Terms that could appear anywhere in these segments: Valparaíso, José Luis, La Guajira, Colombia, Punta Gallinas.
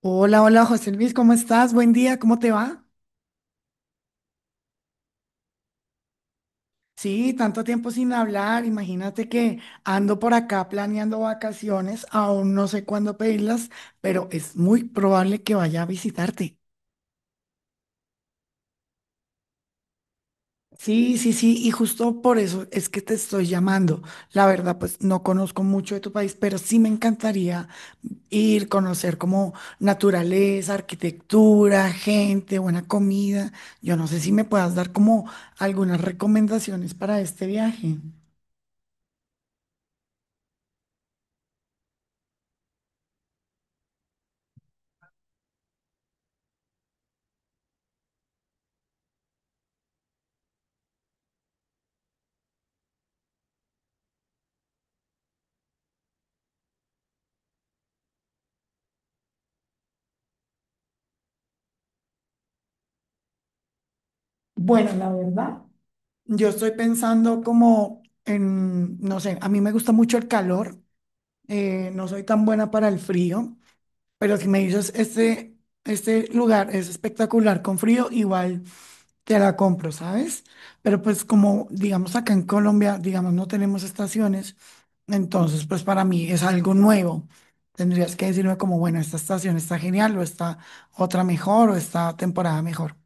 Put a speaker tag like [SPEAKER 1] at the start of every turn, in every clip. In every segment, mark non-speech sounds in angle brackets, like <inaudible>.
[SPEAKER 1] Hola, hola José Luis, ¿cómo estás? Buen día, ¿cómo te va? Sí, tanto tiempo sin hablar. Imagínate que ando por acá planeando vacaciones, aún no sé cuándo pedirlas, pero es muy probable que vaya a visitarte. Sí, sí, sí, y justo por eso es que te estoy llamando. La verdad, pues no conozco mucho de tu país, pero sí me encantaría ir, conocer como naturaleza, arquitectura, gente, buena comida. Yo no sé si me puedas dar como algunas recomendaciones para este viaje. Bueno, la verdad, yo estoy pensando como en, no sé, a mí me gusta mucho el calor, no soy tan buena para el frío, pero si me dices, este lugar es espectacular con frío, igual. Te la compro, ¿sabes? Pero pues como, digamos, acá en Colombia, digamos, no tenemos estaciones, entonces pues para mí es algo nuevo. Tendrías que decirme como, bueno, esta estación está genial o está otra mejor o esta temporada mejor.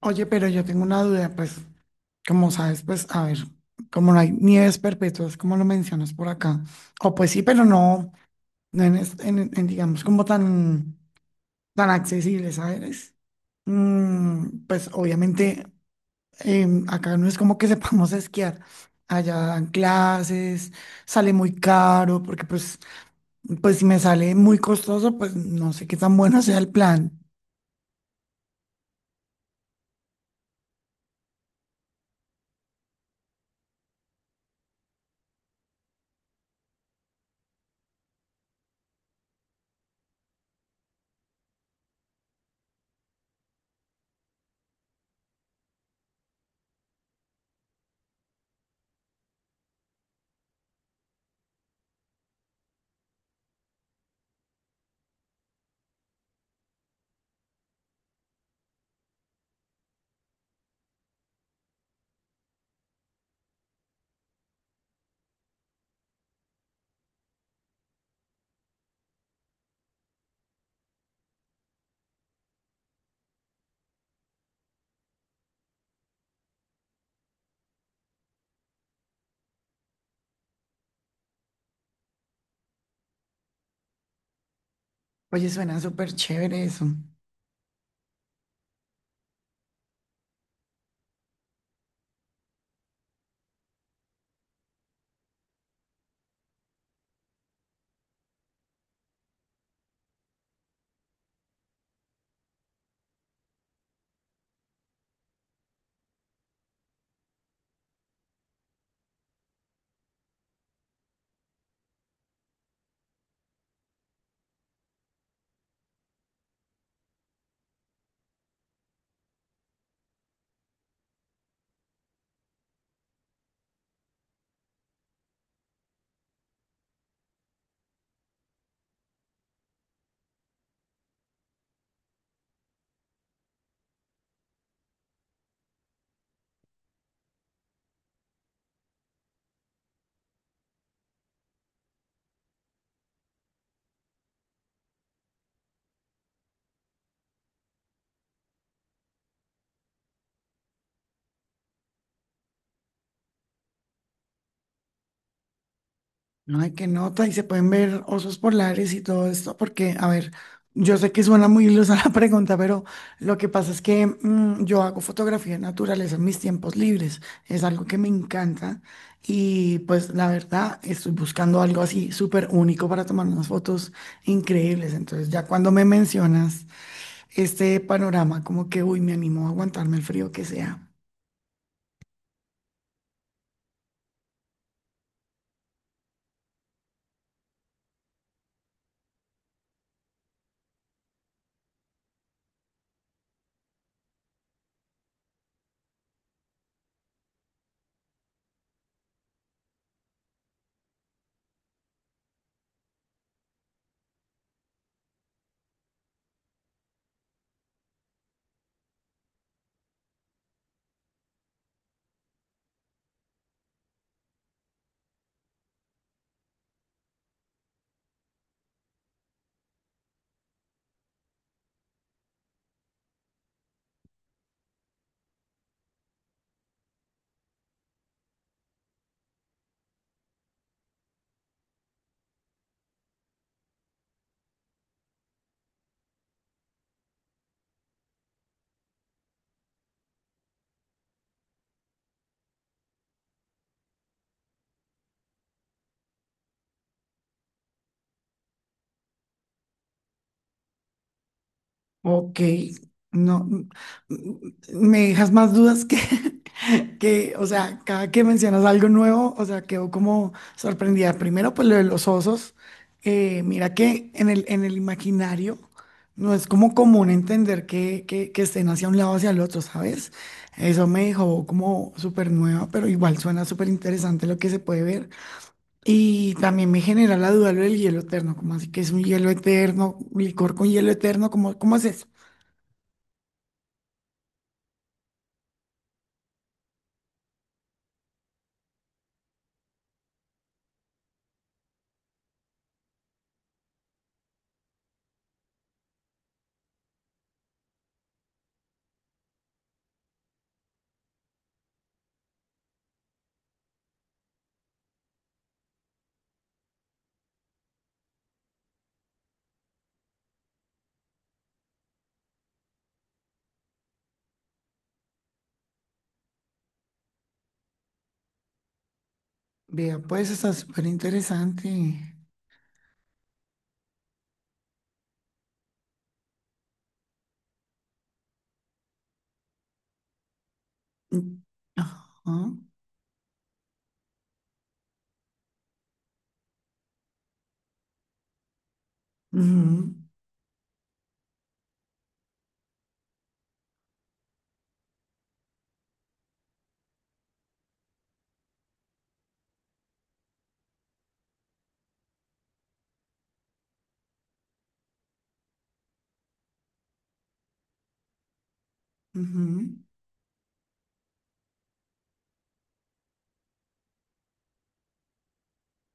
[SPEAKER 1] Oye, pero yo tengo una duda, pues, como sabes, pues, a ver, como no hay nieves perpetuas, como lo mencionas por acá, o pues sí, pero no, no en, es- en, digamos, como tan, tan accesible, ¿sabes? Mm, pues obviamente acá no es como que <laughs> sepamos esquiar. Allá dan clases, sale muy caro, pues si me sale muy costoso, pues no sé qué tan bueno <laughs> sea el plan. Oye, suena súper chévere eso. No hay que nota y se pueden ver osos polares y todo esto, porque, a ver, yo sé que suena muy ilusa <laughs> la pregunta, pero lo que pasa es que yo hago fotografía de naturaleza en mis tiempos libres. Es algo que me encanta y pues la verdad estoy buscando algo así súper único para tomar unas fotos increíbles. Entonces ya cuando me mencionas este panorama, como que, uy, me animo a aguantarme el frío que sea. Ok, no, mm, mm, me dejas más dudas que, <laughs> que, o sea, cada que mencionas algo nuevo, o sea, quedo como sorprendida. Primero, pues lo de los osos, mira que en el imaginario no es como común entender que, que estén hacia un lado o hacia el otro, ¿sabes? Eso me dejó como súper nueva, pero igual suena súper interesante lo que se puede ver. Y también me genera la duda lo del hielo eterno, como así que es un hielo eterno, licor con hielo eterno, ¿cómo, cómo es eso? Vea, pues está súper interesante. Mm. Ajá. Ujú, ujú.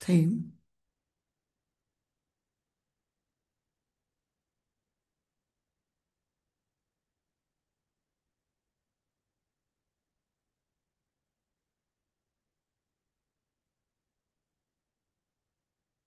[SPEAKER 1] Sí,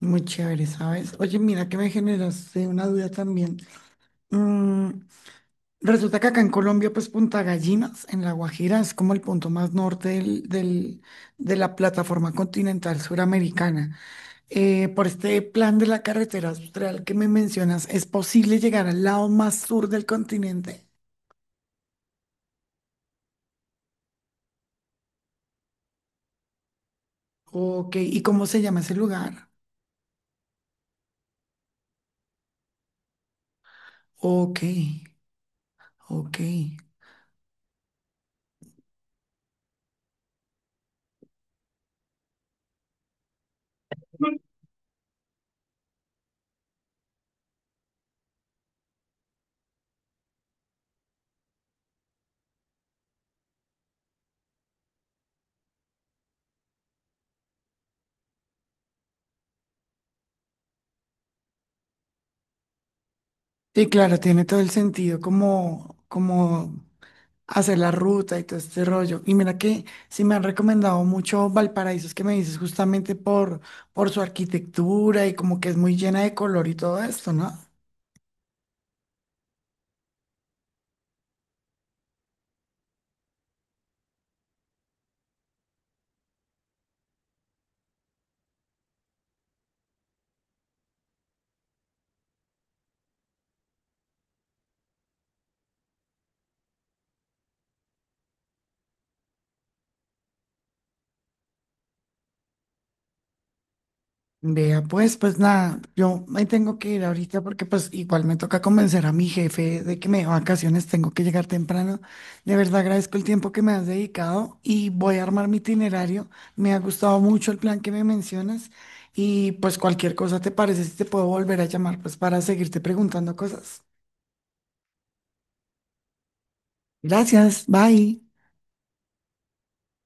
[SPEAKER 1] muy chévere, ¿sabes? Oye, mira que me generaste una duda también. Mm, resulta que acá en Colombia, pues Punta Gallinas, en La Guajira, es como el punto más norte de la plataforma continental suramericana. Por este plan de la carretera austral que me mencionas, ¿es posible llegar al lado más sur del continente? Ok, ¿y cómo se llama ese lugar? Ok, ok. Sí, claro, tiene todo el sentido, como, como hacer la ruta y todo este rollo. Y mira que sí me han recomendado mucho Valparaíso, es que me dices justamente por su arquitectura y como que es muy llena de color y todo esto, ¿no? Vea, pues, pues nada, yo me tengo que ir ahorita porque pues igual me toca convencer a mi jefe de que me dé vacaciones, tengo que llegar temprano. De verdad agradezco el tiempo que me has dedicado y voy a armar mi itinerario. Me ha gustado mucho el plan que me mencionas y pues cualquier cosa te parece, si te puedo volver a llamar pues para seguirte preguntando cosas. Gracias, bye.